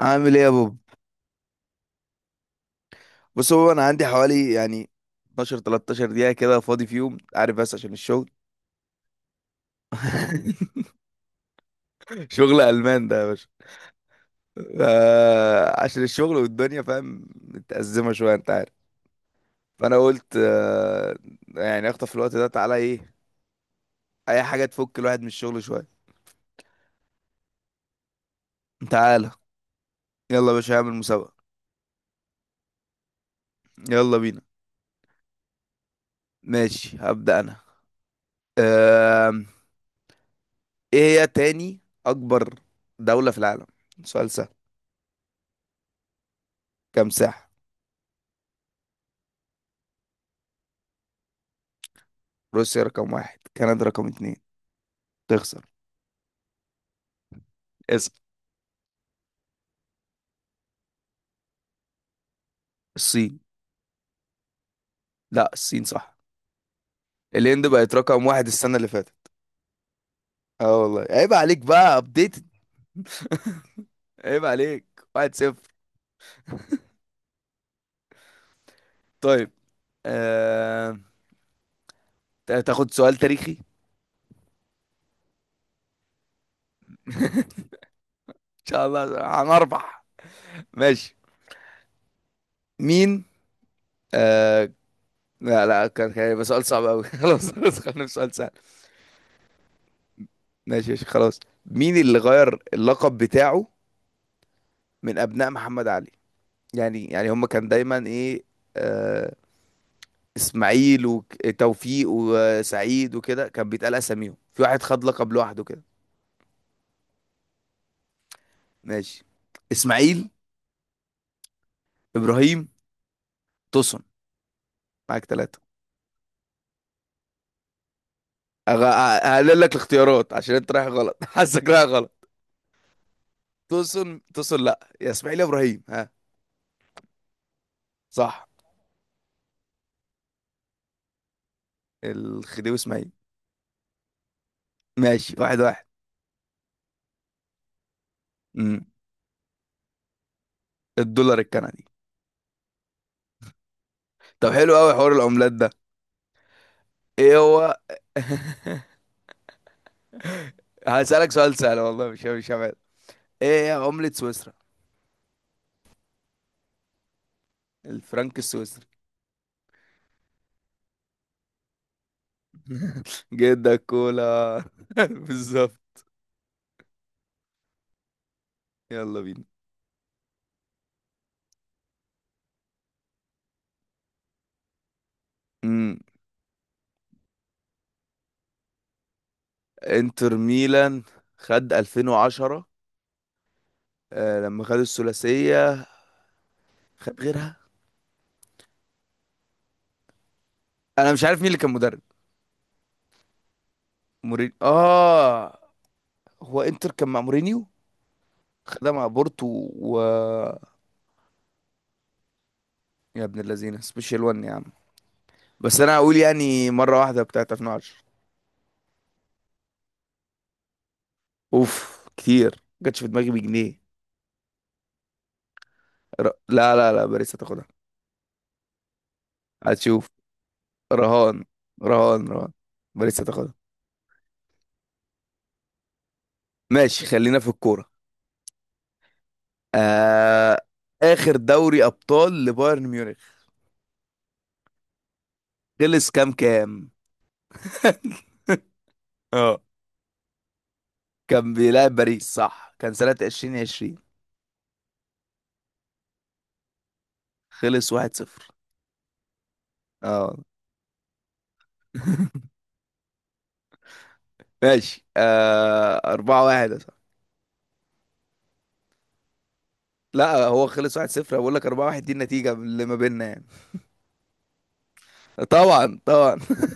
عامل ايه يا بوب؟ بص هو انا عندي حوالي يعني 12 13 دقيقه كده فاضي فيهم، عارف، بس عشان الشغل. شغل المان ده يا باشا. عشان الشغل والدنيا، فاهم، متأزمه شويه انت عارف. فانا قلت يعني اخطف الوقت ده، تعالى ايه؟ اي حاجه تفك الواحد من الشغل شويه. تعالى. يلا يا باشا هعمل مسابقه. يلا بينا. ماشي هبدأ انا. آم، ايه هي تاني اكبر دوله في العالم؟ سؤال سهل. كم ساحه. روسيا رقم واحد، كندا رقم اتنين. تخسر. اسأل. الصين. لا الصين صح. الهند بقت رقم واحد السنة اللي فاتت. اه والله عيب عليك بقى، ابديتد. عيب عليك. واحد صفر. طيب. آه... تاخد سؤال تاريخي؟ ان شاء الله هنربح. ماشي. مين؟ آه... لا لا، كان هيبقى سؤال صعب قوي. خلاص خلاص خلينا في سؤال سهل. ماشي ماشي خلاص. مين اللي غير اللقب بتاعه من ابناء محمد علي؟ يعني هم كان دايما ايه، آه، اسماعيل وتوفيق وسعيد وكده، كان بيتقال اساميهم، في واحد خد لقب لوحده كده. ماشي. اسماعيل. ابراهيم. توسن. معاك ثلاثة. هقلل لك الاختيارات عشان انت رايح غلط. حاسك رايح غلط. توسن توسن؟ لا، يا اسماعيل يا ابراهيم، ها؟ صح. الخديوي اسماعيل. ماشي واحد واحد. امم. الدولار الكندي. طب حلو قوي حوار العملات ده. ايه هو؟ هسألك سؤال سهل والله، مش هبعد. ايه هي عملة سويسرا؟ الفرنك السويسري. جدك كولا. بالظبط. يلا بينا. امم. انتر ميلان خد 2010، آه لما خد الثلاثية. خد غيرها. انا مش عارف مين اللي كان مدرب. مورينيو. اه. هو انتر كان مع مورينيو. خدها مع بورتو و يا ابن اللذينه، سبيشال 1 يا عم. بس انا هقول يعني مرة واحدة بتاعت 2010. اوف كتير ما جاتش في دماغي بجنيه. لا لا لا، باريس هتاخدها. هتشوف. رهان. رهان رهان. باريس هتاخدها. ماشي، خلينا في الكورة. آه... آخر دوري أبطال لبايرن ميونخ خلص كام كام. اه كان بيلعب باريس، صح، كان سنة 2020. خلص 1-0. اه. ماشي 4-1 يا صاحبي. لا هو خلص 1-0. بقول لك 4-1 دي النتيجة اللي ما بيننا يعني. طبعا طبعا.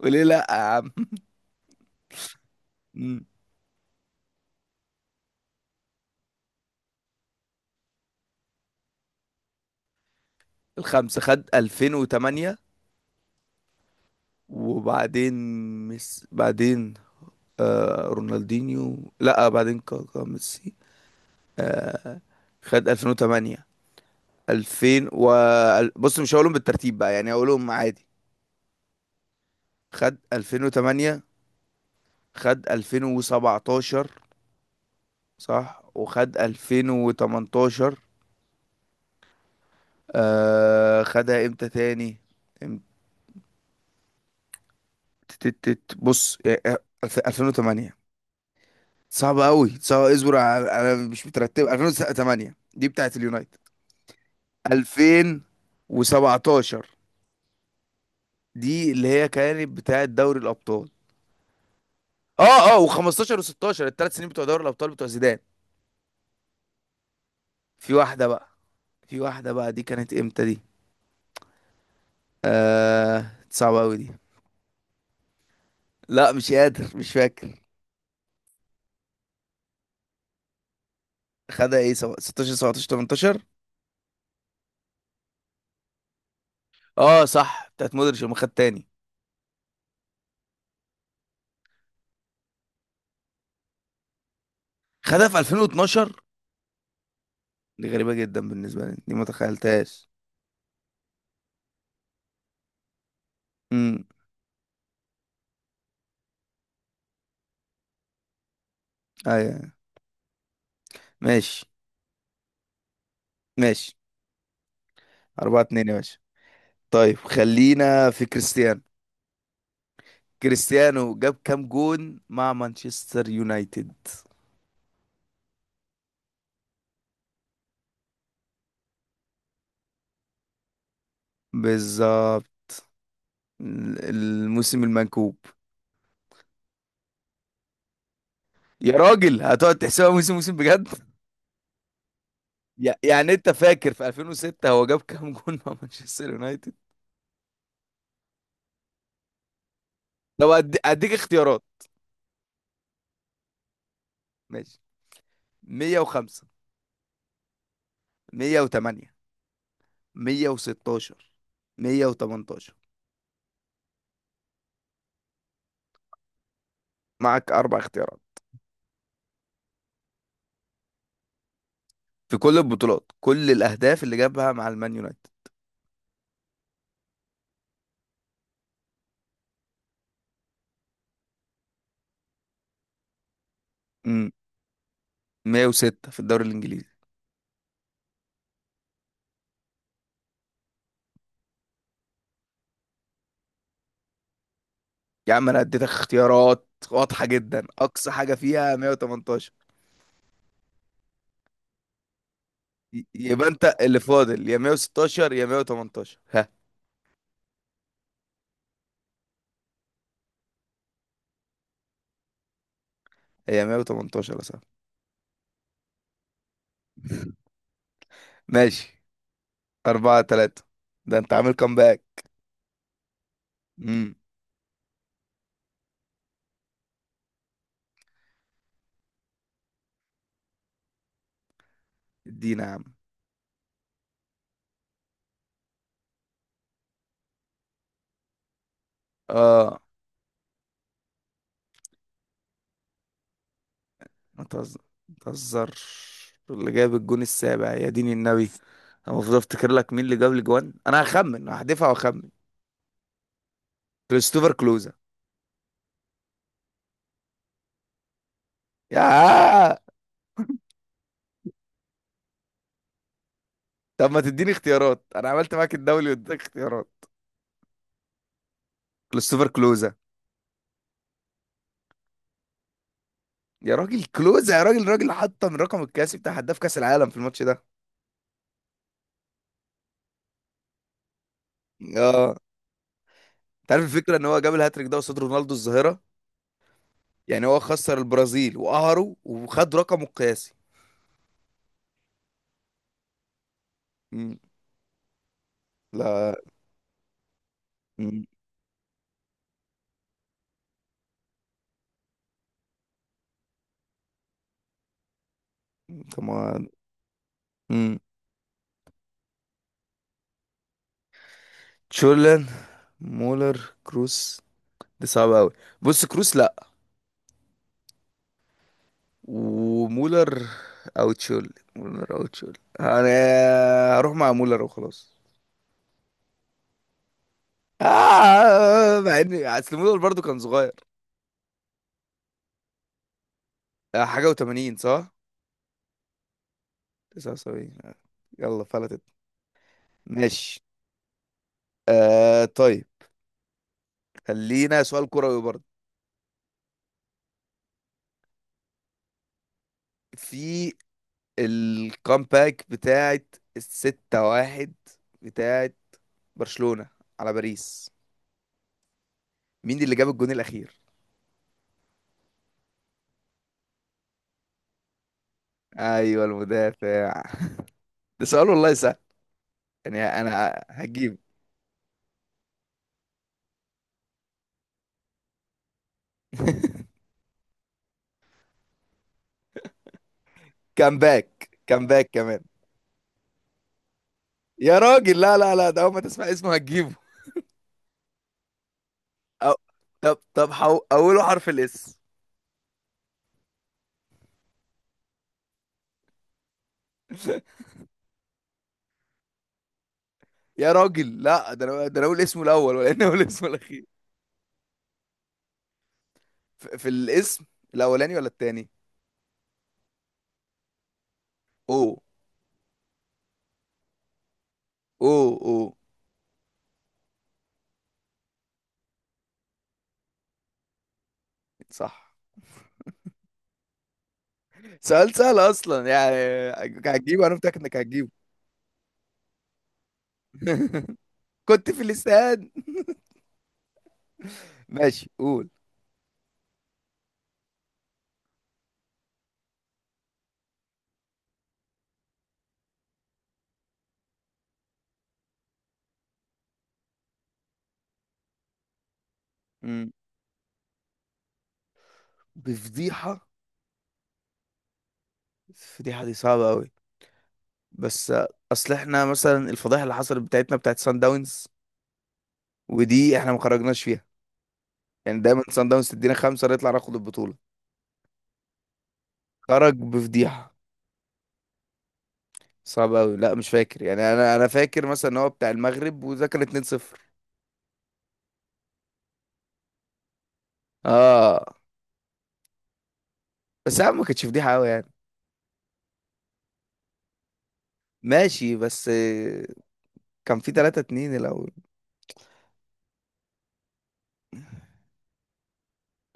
وليه لا يا عم. مم. الخمسة خد 2008، وبعدين بعدين آه رونالدينيو، لا بعدين كاكا ميسي. آه، خد 2008، 2000 و بص مش هقولهم بالترتيب بقى، يعني هقولهم عادي. خد 2008، خد 2017، صح وخد 2018. آه خدها امتى تاني؟ امت- بص يعني، 2008. صعبة قوي صعبة، اصبر انا مش مترتب. 2008 دي بتاعت اليونايتد. 2017 دي اللي هي كانت بتاعت دوري الابطال. اه اه، و15 و16 الثلاث سنين بتوع دوري الابطال بتوع زيدان. في واحده بقى في واحده بقى، دي كانت امتى دي؟ آه صعبه قوي دي. لا مش قادر مش فاكر. خدها ايه، 16 17 18. اه صح، بتاعت مودريتش لما خد تاني. خدها في 2012. دي غريبه جدا بالنسبه لي، دي ما تخيلتهاش. امم. ايوه، أيوة. ماشي. ماشي 4 2 يا باشا. طيب خلينا في كريستيانو. كريستيانو جاب كام جون مع مانشستر يونايتد؟ بالظبط، الموسم المنكوب. يا راجل هتقعد تحسبها موسم موسم بجد؟ يعني انت فاكر في 2006 هو جاب كام جون مع مانشستر يونايتد. طب اديك اختيارات. ماشي. 105، 108، 116، 118. معك اربع اختيارات، في كل البطولات، كل الاهداف اللي جابها مع المان يونايتد. امم. 106 في الدوري الانجليزي. يا عم انا اديتك اختيارات واضحة جدا، اقصى حاجة فيها 118. يبقى انت اللي فاضل يا 116 يا 118، ها؟ هي 118 يا صاحبي. ماشي. 4 3، ده انت عامل كامباك. امم. ادينا يا عم. اه. ما تهزر ما تهزرش. اللي جاب الجون السابع يا دين النبي. انا المفروض افتكر لك مين اللي جاب الجوان. انا هخمن، هحدفها واخمن. كريستوفر كلوزا. يا. طب ما تديني اختيارات، انا عملت معاك الدولي واديتك اختيارات. كريستوفر كلوزا. يا راجل كلوزا، يا راجل حطم رقم القياسي بتاع هداف كاس العالم في الماتش ده. اه. انت عارف الفكره ان هو جاب الهاتريك ده قصاد رونالدو الظاهره. يعني هو خسر البرازيل وقهره وخد رقمه القياسي. مم. لا. مم. طب ما. مم. تشولن. مولر. كروس. دي صعبه قوي. بص كروس لا. ومولر. او تشول مولر او تشول انا هروح مع مولر وخلاص. آه مع ان اصل مولر برضو كان صغير. حاجه و80 صح. 79. يلا فلتت. ماشي. آه، طيب. خلينا سؤال كروي برضه. في الكامباك بتاعت الستة واحد، بتاعت برشلونة على باريس، مين اللي جاب الجون الأخير؟ أيوه المدافع. ده سؤال والله سهل، يعني أنا هجيبه. كامباك كامباك. كمان. يا راجل لا لا لا، ده أول ما تسمع اسمه هتجيبه. أو... طب طب، أوله حرف الإس. يا راجل لا، ده أنا أقول اسمه الأول ولا أنا أقول اسمه الأخير؟ في الاسم الأولاني ولا التاني؟ او اوه اوه. صح. سؤال سهل اصلا يعني. هتجيبه، انا متاكد انك هتجيبه. كنت في الاستاد. ماشي قول. مم. بفضيحه. الفضيحه دي صعبه قوي، بس اصل احنا مثلا الفضيحه اللي حصلت بتاعتنا بتاعت سان داونز ودي احنا ما خرجناش فيها، يعني دايما سان داونز تدينا خمسه نطلع ناخد البطوله. خرج بفضيحه. صعب قوي، لا مش فاكر يعني. انا فاكر مثلا ان هو بتاع المغرب، وده كان 2-0. اه. بس يا عم ما كانتش فضيحه قوي يعني. ماشي بس كان في 3 2 الاول.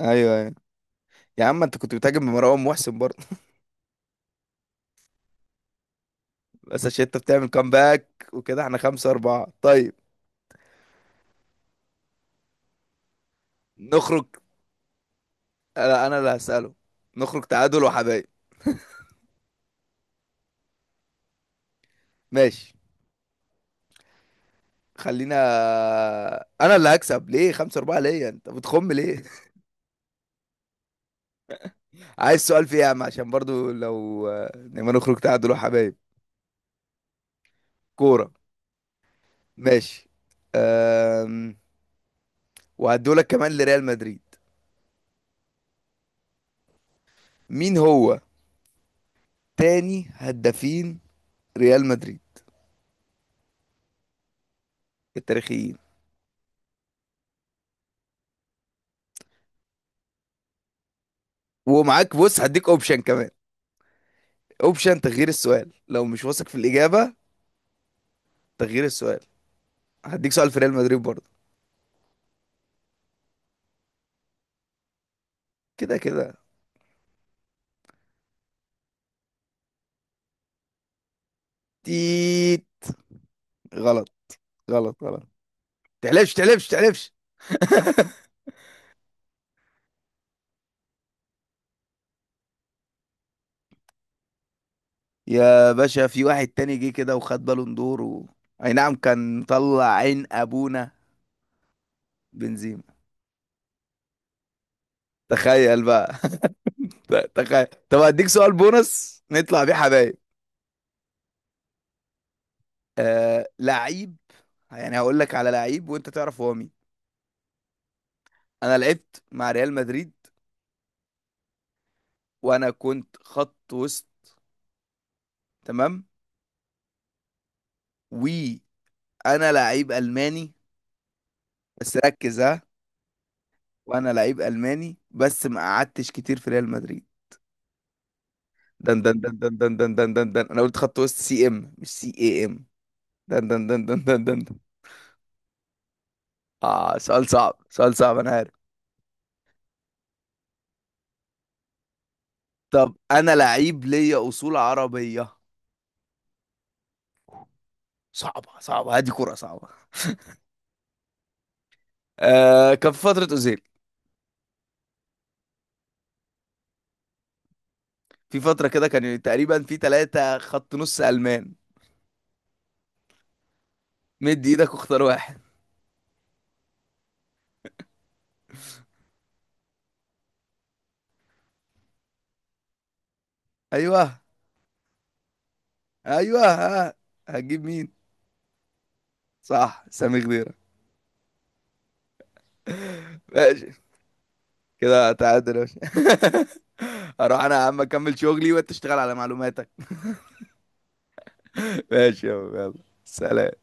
ايوه ايوه. يا عم انت كنت بتهاجم بمروان محسن برضه. بس عشان انت بتعمل كامباك وكده، احنا 5 4. طيب نخرج. انا اللي هسأله. نخرج تعادل وحبايب. ماشي خلينا. انا اللي هكسب، ليه 5 4؟ ليه انت بتخم ليه؟ عايز سؤال فيه يا عم، عشان برضو لو، لما نخرج تعادل وحبايب. كورة. ماشي. أم... وهدولك كمان لريال مدريد. مين هو تاني هدافين ريال مدريد التاريخيين؟ ومعاك، بص، هديك اوبشن كمان، اوبشن تغيير السؤال لو مش واثق في الإجابة. تغيير السؤال، هديك سؤال في ريال مدريد برضه. كده كده. تيت. غلط. غلط غلط. تحلفش تحلفش تحلفش. يا باشا في واحد تاني جه كده وخد بالون دور اي نعم، كان طلع عين ابونا. بنزيما. تخيل بقى. تخيل. طب هديك سؤال بونص نطلع بيه حبايب. لعيب. يعني هقول لك على لعيب وانت تعرف هو مين. انا لعبت مع ريال مدريد وانا كنت خط وسط، تمام. وانا لعيب الماني، بس ركز ها. وانا لعيب الماني بس ما قعدتش كتير في ريال مدريد. دن دن دن دن دن دن دن دن دن. انا قلت خط وسط سي ام مش سي اي ام. دن دن دن دن دن دن دن. اه سؤال صعب سؤال صعب انا عارف. طب انا لعيب ليا اصول عربيه. صعبه صعبه، هذه كرة صعبه. آه كان في فتره اوزيل. في فتره كده، كان تقريبا في ثلاثه خط نص المان. مد ايدك واختار واحد. ايوه ايوه ها. هتجيب مين؟ صح، سامي خضيره. ماشي. كده تعادل يا باشا. اروح انا يا عم اكمل شغلي، وانت تشتغل على معلوماتك. ماشي يا عم، يلا. سلام.